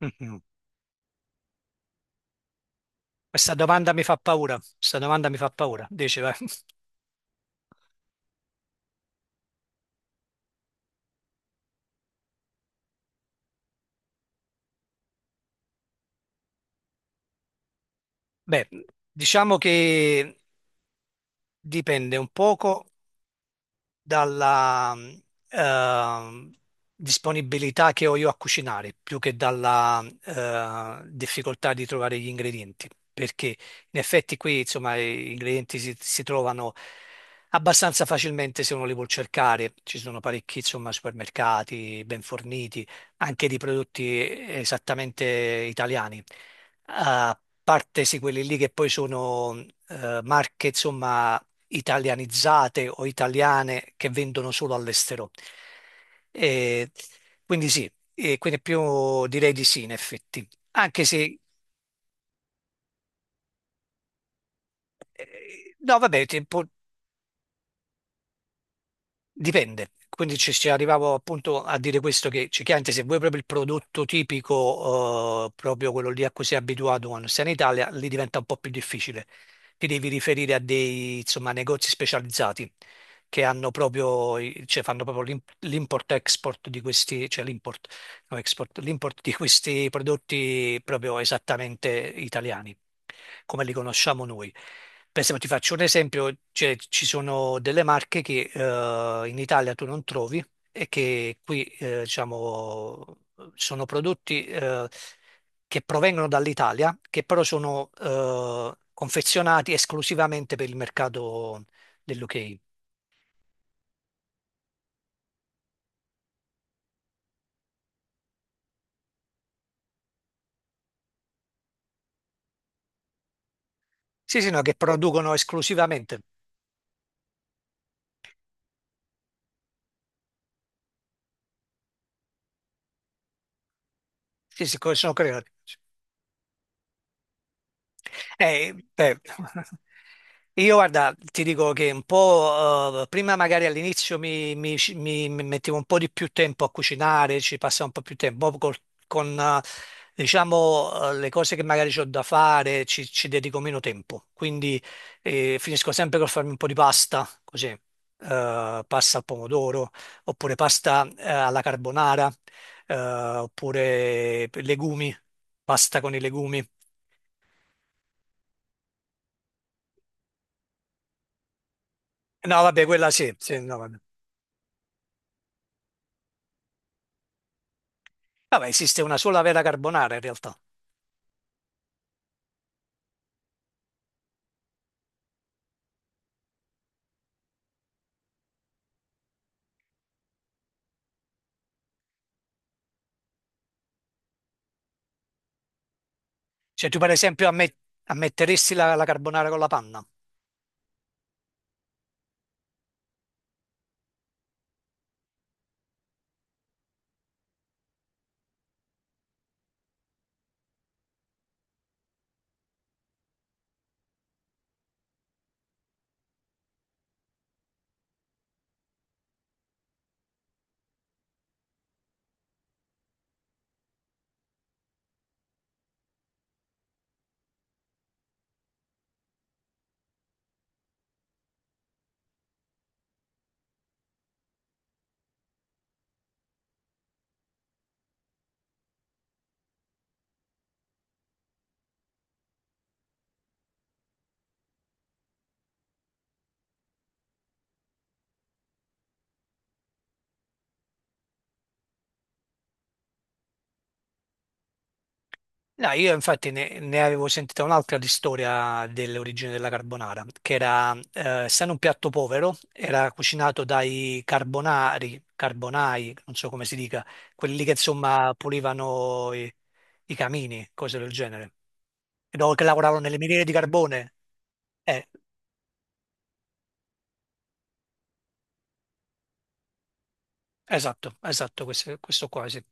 Mhm. Questa domanda mi fa paura, questa domanda mi fa paura, dice, vai. Beh, diciamo che dipende un poco dalla ehm, disponibilità che ho io a cucinare, più che dalla difficoltà di trovare gli ingredienti, perché in effetti qui, insomma, gli ingredienti si trovano abbastanza facilmente se uno li vuol cercare. Ci sono parecchi, insomma, supermercati ben forniti, anche di prodotti esattamente italiani. A parte sì, quelli lì che poi sono marche, insomma, italianizzate o italiane che vendono solo all'estero. E quindi sì, e quindi più direi di sì in effetti, anche se, no vabbè, Dipende, quindi ci arrivavo appunto a dire questo che cioè, chiaramente se vuoi proprio il prodotto tipico, proprio quello lì a cui sei abituato quando sei in Italia, lì diventa un po' più difficile. Ti devi riferire a dei insomma, negozi specializzati che hanno proprio, cioè, fanno proprio l'import-export di questi, cioè l'import l'import di questi prodotti proprio esattamente italiani, come li conosciamo noi. Per esempio, ti faccio un esempio, cioè, ci sono delle marche che in Italia tu non trovi e che qui diciamo, sono prodotti che provengono dall'Italia, che però sono confezionati esclusivamente per il mercato dell'UK. Sì, sì, no, che producono esclusivamente. Sì, sì, sono creati. Beh, io guarda, ti dico che un po', prima magari all'inizio mi mettevo un po' di più tempo a cucinare, ci passavo un po' più tempo. Poi con, diciamo, le cose che magari ho da fare, ci dedico meno tempo. Quindi finisco sempre col farmi un po' di pasta, così, pasta al pomodoro, oppure pasta alla carbonara, oppure legumi, pasta con i legumi. No, vabbè, quella sì, sì, no, vabbè. Vabbè, esiste una sola vera carbonara in realtà. Cioè, tu per esempio ammetteresti la carbonara con la panna? No, io infatti ne avevo sentita un'altra di storia dell'origine della carbonara, che era, essendo un piatto povero, era cucinato dai carbonari, carbonai, non so come si dica, quelli lì che insomma pulivano i, i camini, cose del genere, che che lavoravano nelle miniere di carbone. Eh, esatto, esatto, questo qua, sì.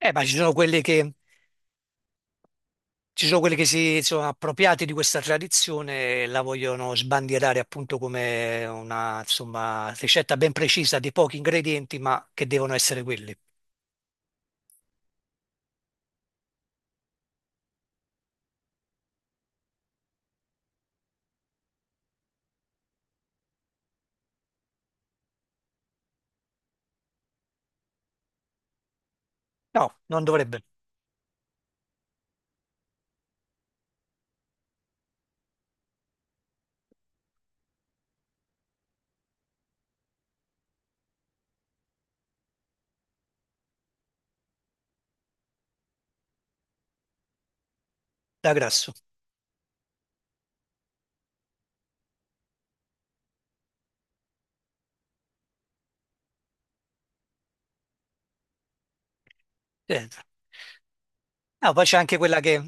Ma ci sono quelli che, ci sono quelli che si sono appropriati di questa tradizione e la vogliono sbandierare appunto come una, insomma, ricetta ben precisa di pochi ingredienti, ma che devono essere quelli. No, non dovrebbe, da grasso. Eh. Ah, poi c'è anche quella che,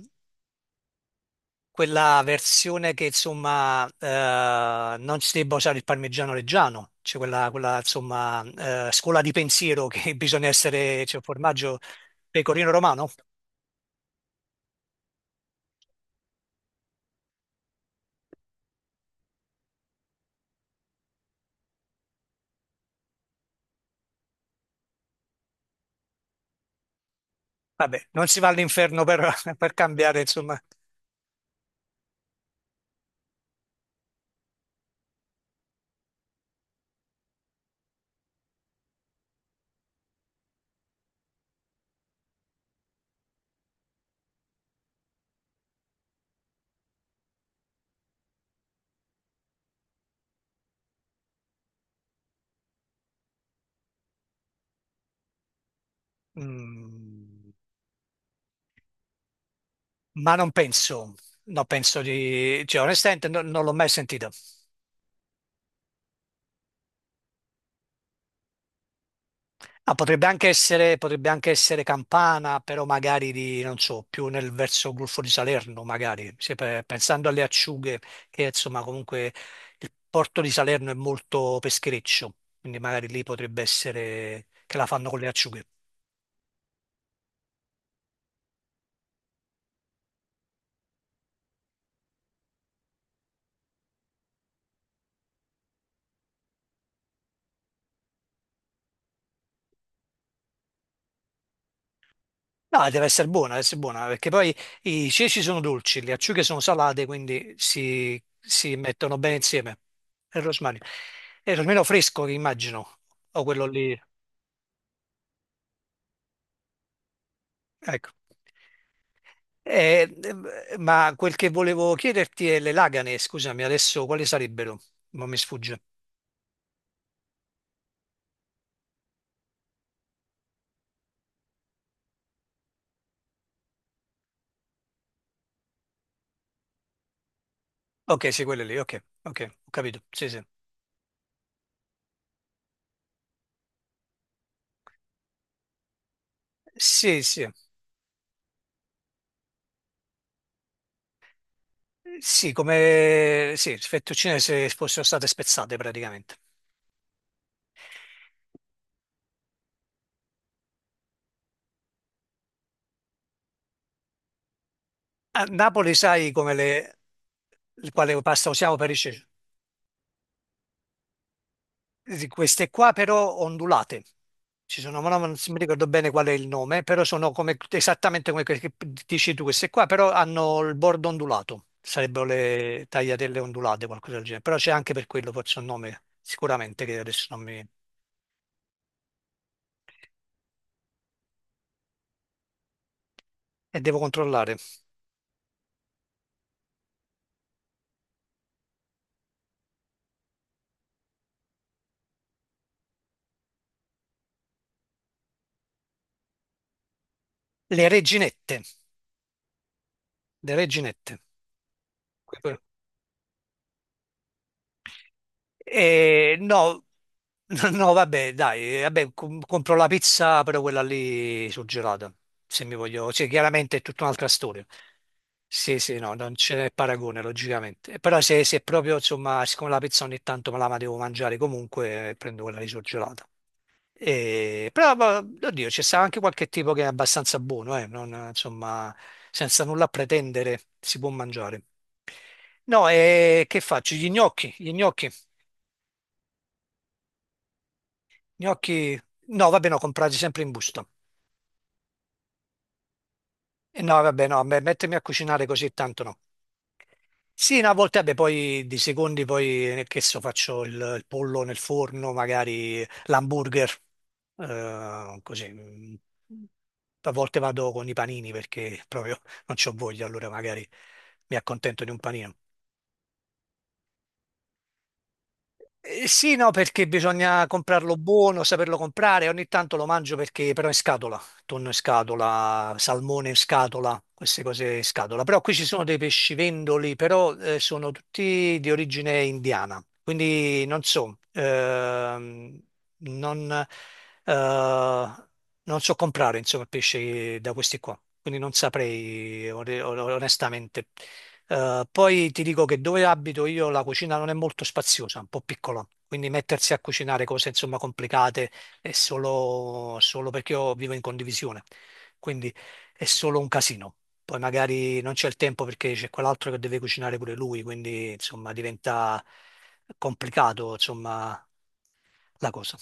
quella versione che insomma non si debba usare il parmigiano reggiano, c'è quella, quella, insomma scuola di pensiero che bisogna essere, cioè formaggio pecorino romano. Vabbè, non si va all'inferno per, per cambiare, insomma. Mm, ma non penso, no, penso di... Cioè, onestamente non l'ho mai sentito. Ah, potrebbe anche essere Campana, però magari di, non so, più nel verso Golfo di Salerno, magari. Se pensando alle acciughe, che insomma comunque il porto di Salerno è molto peschereccio, quindi magari lì potrebbe essere che la fanno con le acciughe. No, deve essere buona, perché poi i ceci sono dolci, le acciughe sono salate, quindi si mettono bene insieme. E il rosmarino. E il rosmarino fresco, che immagino, o quello lì, ecco. Ma quel che volevo chiederti è le lagane, scusami, adesso quali sarebbero? Ma mi sfugge. Ok, sì, quelle lì, ok, ok, ho capito, sì, sì. Sì, sì, sì, come sì, fettuccine se fossero state spezzate praticamente. A Napoli sai come le, il quale pasta usiamo per i ceci. Di queste qua però ondulate. Ci sono, ma no, non mi ricordo bene qual è il nome, però sono come, esattamente come quelle che dici tu, queste qua, però hanno il bordo ondulato. Sarebbero le tagliatelle ondulate, qualcosa del genere. Però c'è anche per quello, forse un nome, sicuramente, che adesso non mi... E devo controllare. Le reginette. Le reginette. E no, no, vabbè, dai, vabbè, compro la pizza, però quella lì surgelata, se mi voglio, cioè chiaramente è tutta un'altra storia. Sì, sì, no, non ce n'è paragone, logicamente. Però se, se proprio, insomma, siccome la pizza ogni tanto me la ma devo mangiare comunque, prendo quella lì surgelata. E, però, oddio, c'è stato anche qualche tipo che è abbastanza buono, insomma, senza nulla pretendere si può mangiare. No, e che faccio? Gli gnocchi, gli gnocchi. Gnocchi, no, vabbè, no, comprati sempre in busta. E no, vabbè, no, beh, mettermi a cucinare così tanto no. Sì, no, a volte, vabbè, poi di secondi, poi, che so, faccio il pollo nel forno, magari l'hamburger, così. Mm. A volte vado con i panini perché proprio non c'ho voglia, allora magari mi accontento di un panino. Sì, no, perché bisogna comprarlo buono, saperlo comprare. Ogni tanto lo mangio perché però in scatola, tonno in scatola, salmone in scatola, queste cose in scatola. Però qui ci sono dei pescivendoli, però sono tutti di origine indiana. Quindi non so, non, eh, non so comprare insomma pesce da questi qua. Quindi non saprei, onestamente. Poi ti dico che dove abito io la cucina non è molto spaziosa, è un po' piccola, quindi mettersi a cucinare cose insomma complicate è solo, solo perché io vivo in condivisione, quindi è solo un casino. Poi magari non c'è il tempo perché c'è quell'altro che deve cucinare pure lui, quindi insomma diventa complicato insomma la cosa.